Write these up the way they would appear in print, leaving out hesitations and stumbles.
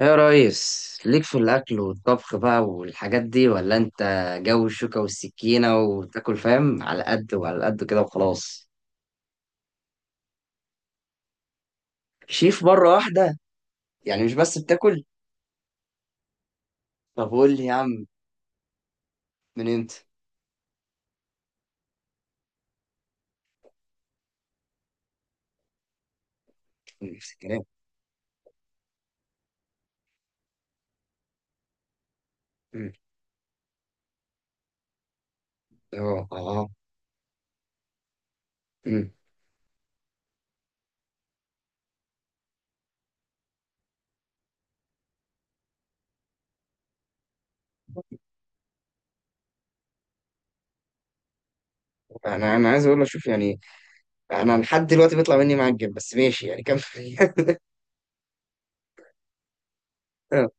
ايه يا ريس، ليك في الاكل والطبخ بقى والحاجات دي، ولا انت جو الشوكة والسكينة وتاكل فاهم على قد وعلى قد كده وخلاص؟ شيف مرة واحدة؟ يعني مش بس بتاكل؟ طب قول لي يا عم، من انت؟ نفس الكلام. أمم. اه اه. أمم. انا عايز اقول لك، شوف يعني، انا لحد دلوقتي بيطلع مني معجب، بس ماشي يعني، كمل. آه،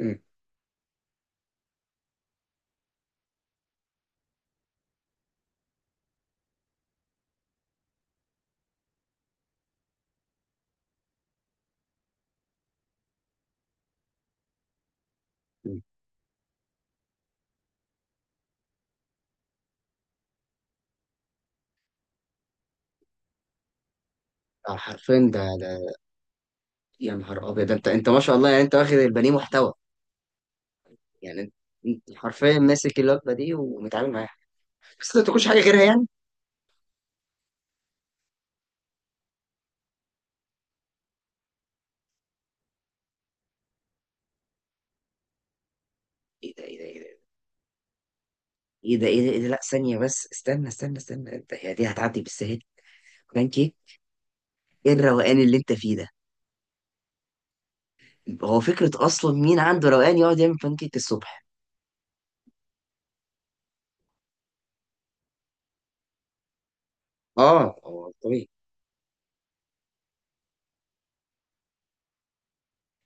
أمم. أمم. آه، حرفيا ده. يا نهار ابيض، ده انت ما شاء الله، يعني انت واخد البانيه محتوى. يعني انت حرفيا ماسك الوجبه دي ومتعامل معاها. بس ما تاكلش حاجه غيرها يعني؟ ايه ده ايه ده ايه ده، ايه ده, إيه ده؟ إيه ده؟ لا ثانيه بس، استنى استنى استنى، انت هي دي هتعدي بالسهل؟ بانكيك؟ ايه الروقان اللي انت فيه ده؟ هو فكره اصلا مين عنده روقان يقعد يعمل بانكيك الصبح؟ اه، هو طبيعي.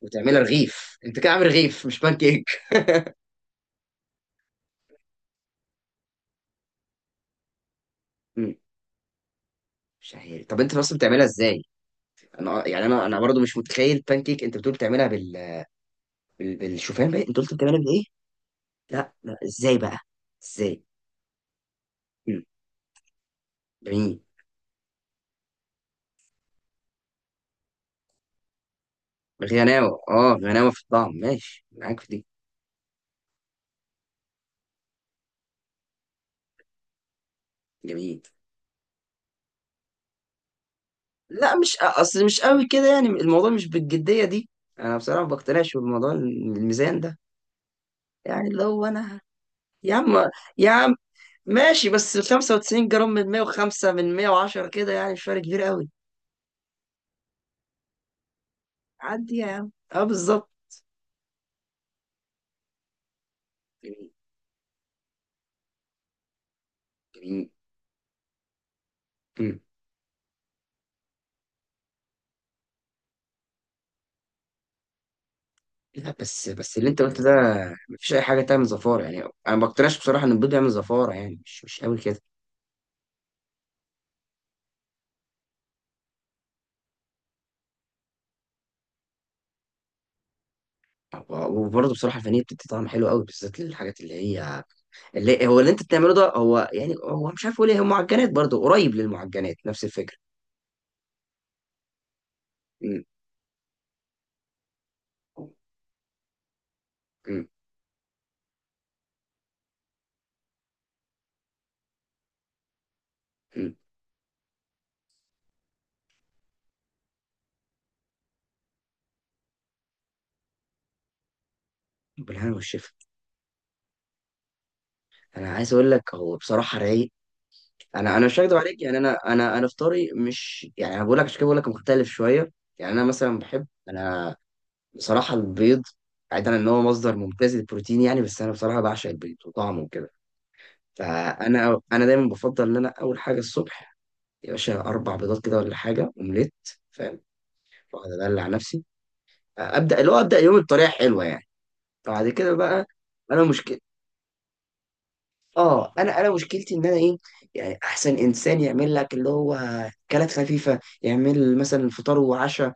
وتعملها رغيف؟ انت كده عامل رغيف، مش بانكيك. مم، مش عارف. طب انت اصلا بتعملها ازاي؟ انا آه، يعني انا برضه مش متخيل بانكيك. انت بتقول بتعملها بالشوفان؟ بقى انت قلت بتعملها بايه؟ لا لا، ازاي بقى؟ ازاي؟ مم، جميل. بالغناوه، اه، غناوه في الطعم، ماشي معاك في دي. جميل. لا، مش اصل مش قوي كده يعني، الموضوع مش بالجديه دي. انا بصراحه ما بقتنعش بالموضوع الميزان ده. يعني اللي هو انا، يا عم، يا عم، ماشي، بس 95 جرام من 105 من 110 كده، يعني مش فرق كبير قوي. عدي يا عم، اه بالظبط. جميل، جميل. مم. لا بس بس اللي انت قلته ده، مفيش اي حاجه تعمل زفاره يعني، انا ما بقتنعش بصراحه ان البيض يعمل زفاره يعني، مش قوي كده. وبرضه بصراحه الفانيليا بتدي طعم حلو قوي، بالذات للحاجات اللي هي، اللي هو اللي انت بتعمله ده، هو يعني هو مش عارف اقول ايه، هو معجنات برضه، قريب للمعجنات، نفس الفكره. امم. امم. امم. بالهنا والشفا. انا عايز اقول لك، هو بصراحه رايق. انا مش هكدب عليك يعني، انا فطاري مش يعني، انا بقول لك عشان كده بقول لك مختلف شويه. يعني انا مثلا بحب انا، بصراحه البيض، بعيدا ان هو مصدر ممتاز للبروتين يعني، بس انا بصراحه بعشق البيض وطعمه وكده. فانا دايما بفضل ان انا اول حاجه الصبح، يا باشا، اربع بيضات كده ولا حاجه اومليت، فاهم؟ واقعد ادلع نفسي، ابدا اللي هو ابدا يومي بطريقه حلوه يعني. بعد كده بقى، انا مشكلة، اه انا مشكلتي ان انا ايه، يعني احسن انسان يعمل لك اللي هو اكلات خفيفه، يعمل مثلا فطار وعشاء،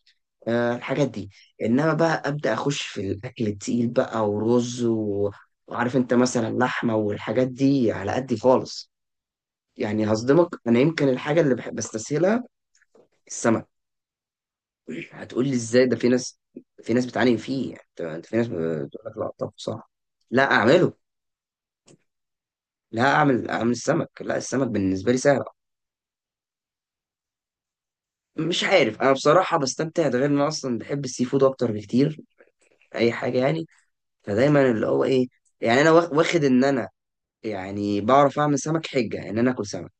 آه الحاجات دي. انما بقى ابدا اخش في الاكل التقيل بقى ورز و... وعارف انت مثلا لحمه والحاجات دي على قدي خالص. يعني هصدمك، انا يمكن الحاجه اللي بحب بستسهلها السمك. هتقول لي ازاي، ده في ناس، في ناس بتعاني فيه يعني، انت، أنت في ناس بتقول لك لا، طب صح. لا اعمله. لا اعمل، اعمل السمك، لا السمك بالنسبه لي سهل. مش عارف، انا بصراحه بستمتع، ده غير ان أنا اصلا بحب السي فود اكتر بكتير، اي حاجه يعني. فدايما اللي هو ايه، يعني انا واخد ان انا، يعني بعرف اعمل سمك، حجه ان انا اكل سمك.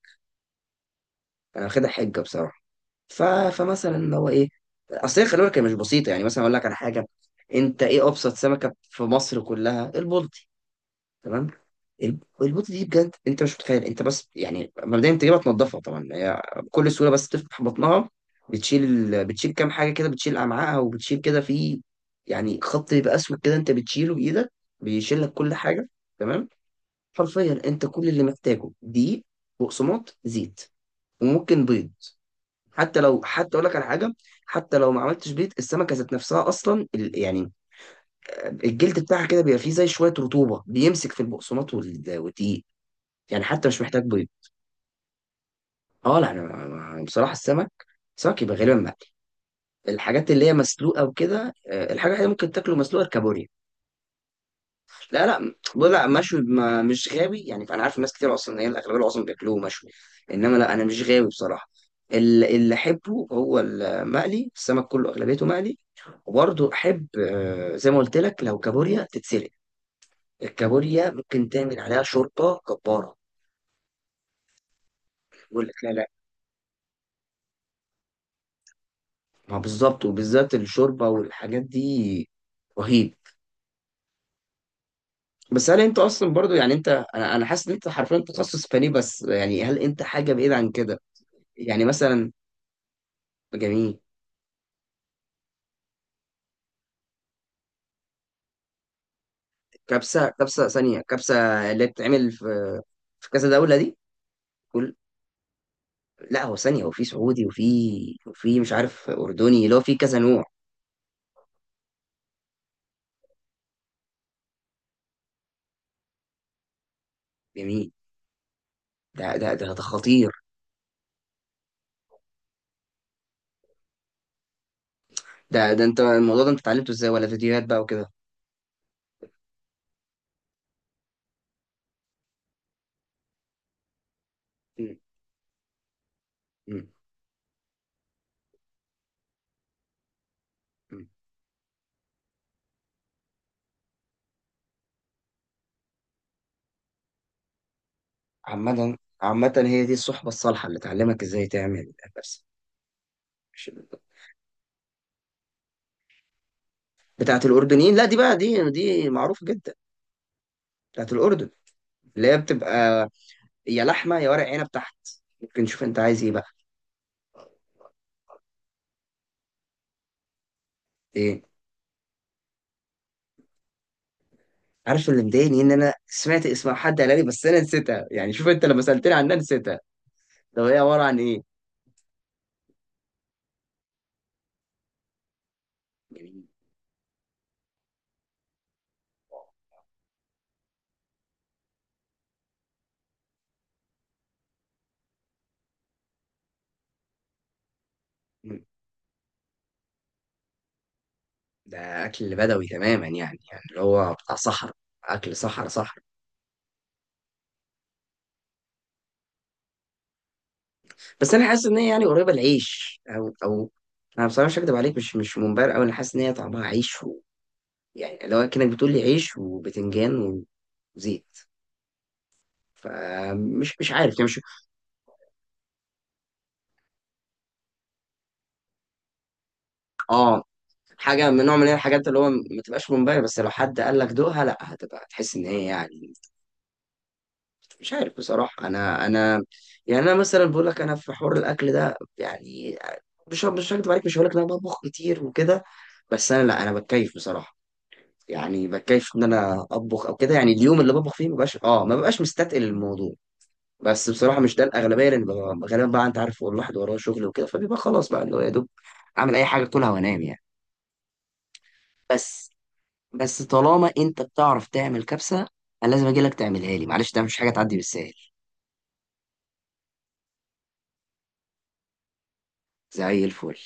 انا واخدها حجه بصراحه. ف... فمثلا اللي هو ايه. اصل هي خلي بالك، هي مش بسيطه يعني، مثلا اقول لك على حاجه. انت ايه ابسط سمكه في مصر كلها؟ البلطي، تمام. البوطه دي بجد انت مش متخيل، انت بس يعني مبدئيا بتجيبها تنضفها، طبعا هي بكل سهوله، بس تفتح بطنها، بتشيل بتشيل كام حاجه كده، بتشيل امعائها وبتشيل كده في، يعني خط بيبقى اسود كده انت بتشيله بايدك، بيشيل لك كل حاجه. تمام. حرفيا انت كل اللي محتاجه دقيق، بقسماط، زيت، وممكن بيض. حتى لو، حتى اقول لك على حاجه، حتى لو ما عملتش بيض، السمكه ذات نفسها اصلا يعني آه، الجلد بتاعها كده بيبقى فيه زي شويه رطوبه، بيمسك في البقسماط والدقيق، يعني حتى مش محتاج بيض. اه لا انا، أنا بصراحه السمك، سمك يبقى غالبا مقلي. الحاجات اللي هي مسلوقه وكده، آه، الحاجه اللي ممكن تاكله مسلوقه الكابوريا. لا لا، بقول لا مشوي، ما مش غاوي يعني. فانا عارف ناس كتير، اصلا ان هي الاغلبيه العظمى بياكلوه مشوي، انما لا انا مش غاوي بصراحه. اللي احبه هو المقلي، السمك كله اغلبيته مقلي. وبرضه احب آه، زي ما قلت لك، لو كابوريا تتسلق، الكابوريا ممكن تعمل عليها شوربه جباره. بقول لك لا لا، ما بالظبط، وبالذات الشوربه والحاجات دي، رهيب. بس هل انت اصلا برضو يعني، انت، انا حاسس ان انت حرفيا تخصص فني، بس يعني هل انت حاجه بعيد عن كده؟ يعني مثلا. جميل. كبسه، كبسه ثانيه، كبسه؟ اللي بتتعمل في، في كذا دوله دي؟ كل، لا هو ثانيه، وفي سعودي، وفي، وفي مش عارف اردني، اللي هو في كذا نوع. جميل. ده ده ده, ده خطير. ده انت الموضوع ده انت اتعلمته ازاي؟ ولا فيديوهات بقى وكده؟ م- م- م. عامة، عامة، هي دي الصحبة الصالحة اللي تعلمك ازاي تعمل نفسك. مش بتاعت الأردنيين؟ لا دي بقى، دي معروفة جدا، بتاعت الأردن، اللي هي بتبقى يا لحمة يا ورق عنب تحت. ممكن نشوف انت عايز ايه بقى. ايه؟ عارف، اللي مضايقني ان انا سمعت اسم حد قالها لي، بس انا نسيتها يعني. شوف انت لما سألتني عنها نسيتها. طب هي عبارة عن ايه؟ جميل. ده أكل بدوي تماما يعني، يعني اللي هو بتاع صحراء. أكل صحراء صحراء. بس انا حاسس ان هي يعني قريبه العيش، او او، انا بصراحه مش هكدب عليك، مش منبهر قوي. انا حاسس ان هي طعمها عيش و... يعني لو كانك بتقول لي عيش وبتنجان وزيت، فمش مش عارف يعني، مش اه. حاجه من نوع من الحاجات اللي هو ما تبقاش منبهر، بس لو حد قال لك دوقها، لا هتبقى هتحس ان هي يعني. مش عارف بصراحه، انا يعني انا مثلا بقول لك، انا في حوار الاكل ده يعني، مش هكدب عليك، مش هقول لك ان انا بطبخ كتير وكده. بس انا لا انا بتكيف بصراحه، يعني بكيف ان انا اطبخ او كده يعني، اليوم اللي بطبخ فيه مبقاش اه، ما ببقاش مستتقل الموضوع. بس بصراحه مش ده الاغلبيه، لان ببقى- غالبا بقى انت عارف الواحد وراه شغل وكده، فبيبقى خلاص بقى اللي هو يا دوب اعمل اي حاجه كلها وانام يعني. بس، بس طالما انت بتعرف تعمل كبسه، انا لازم اجي لك تعملها لي معلش، ده مش حاجه تعدي بالسهل. زي الفل.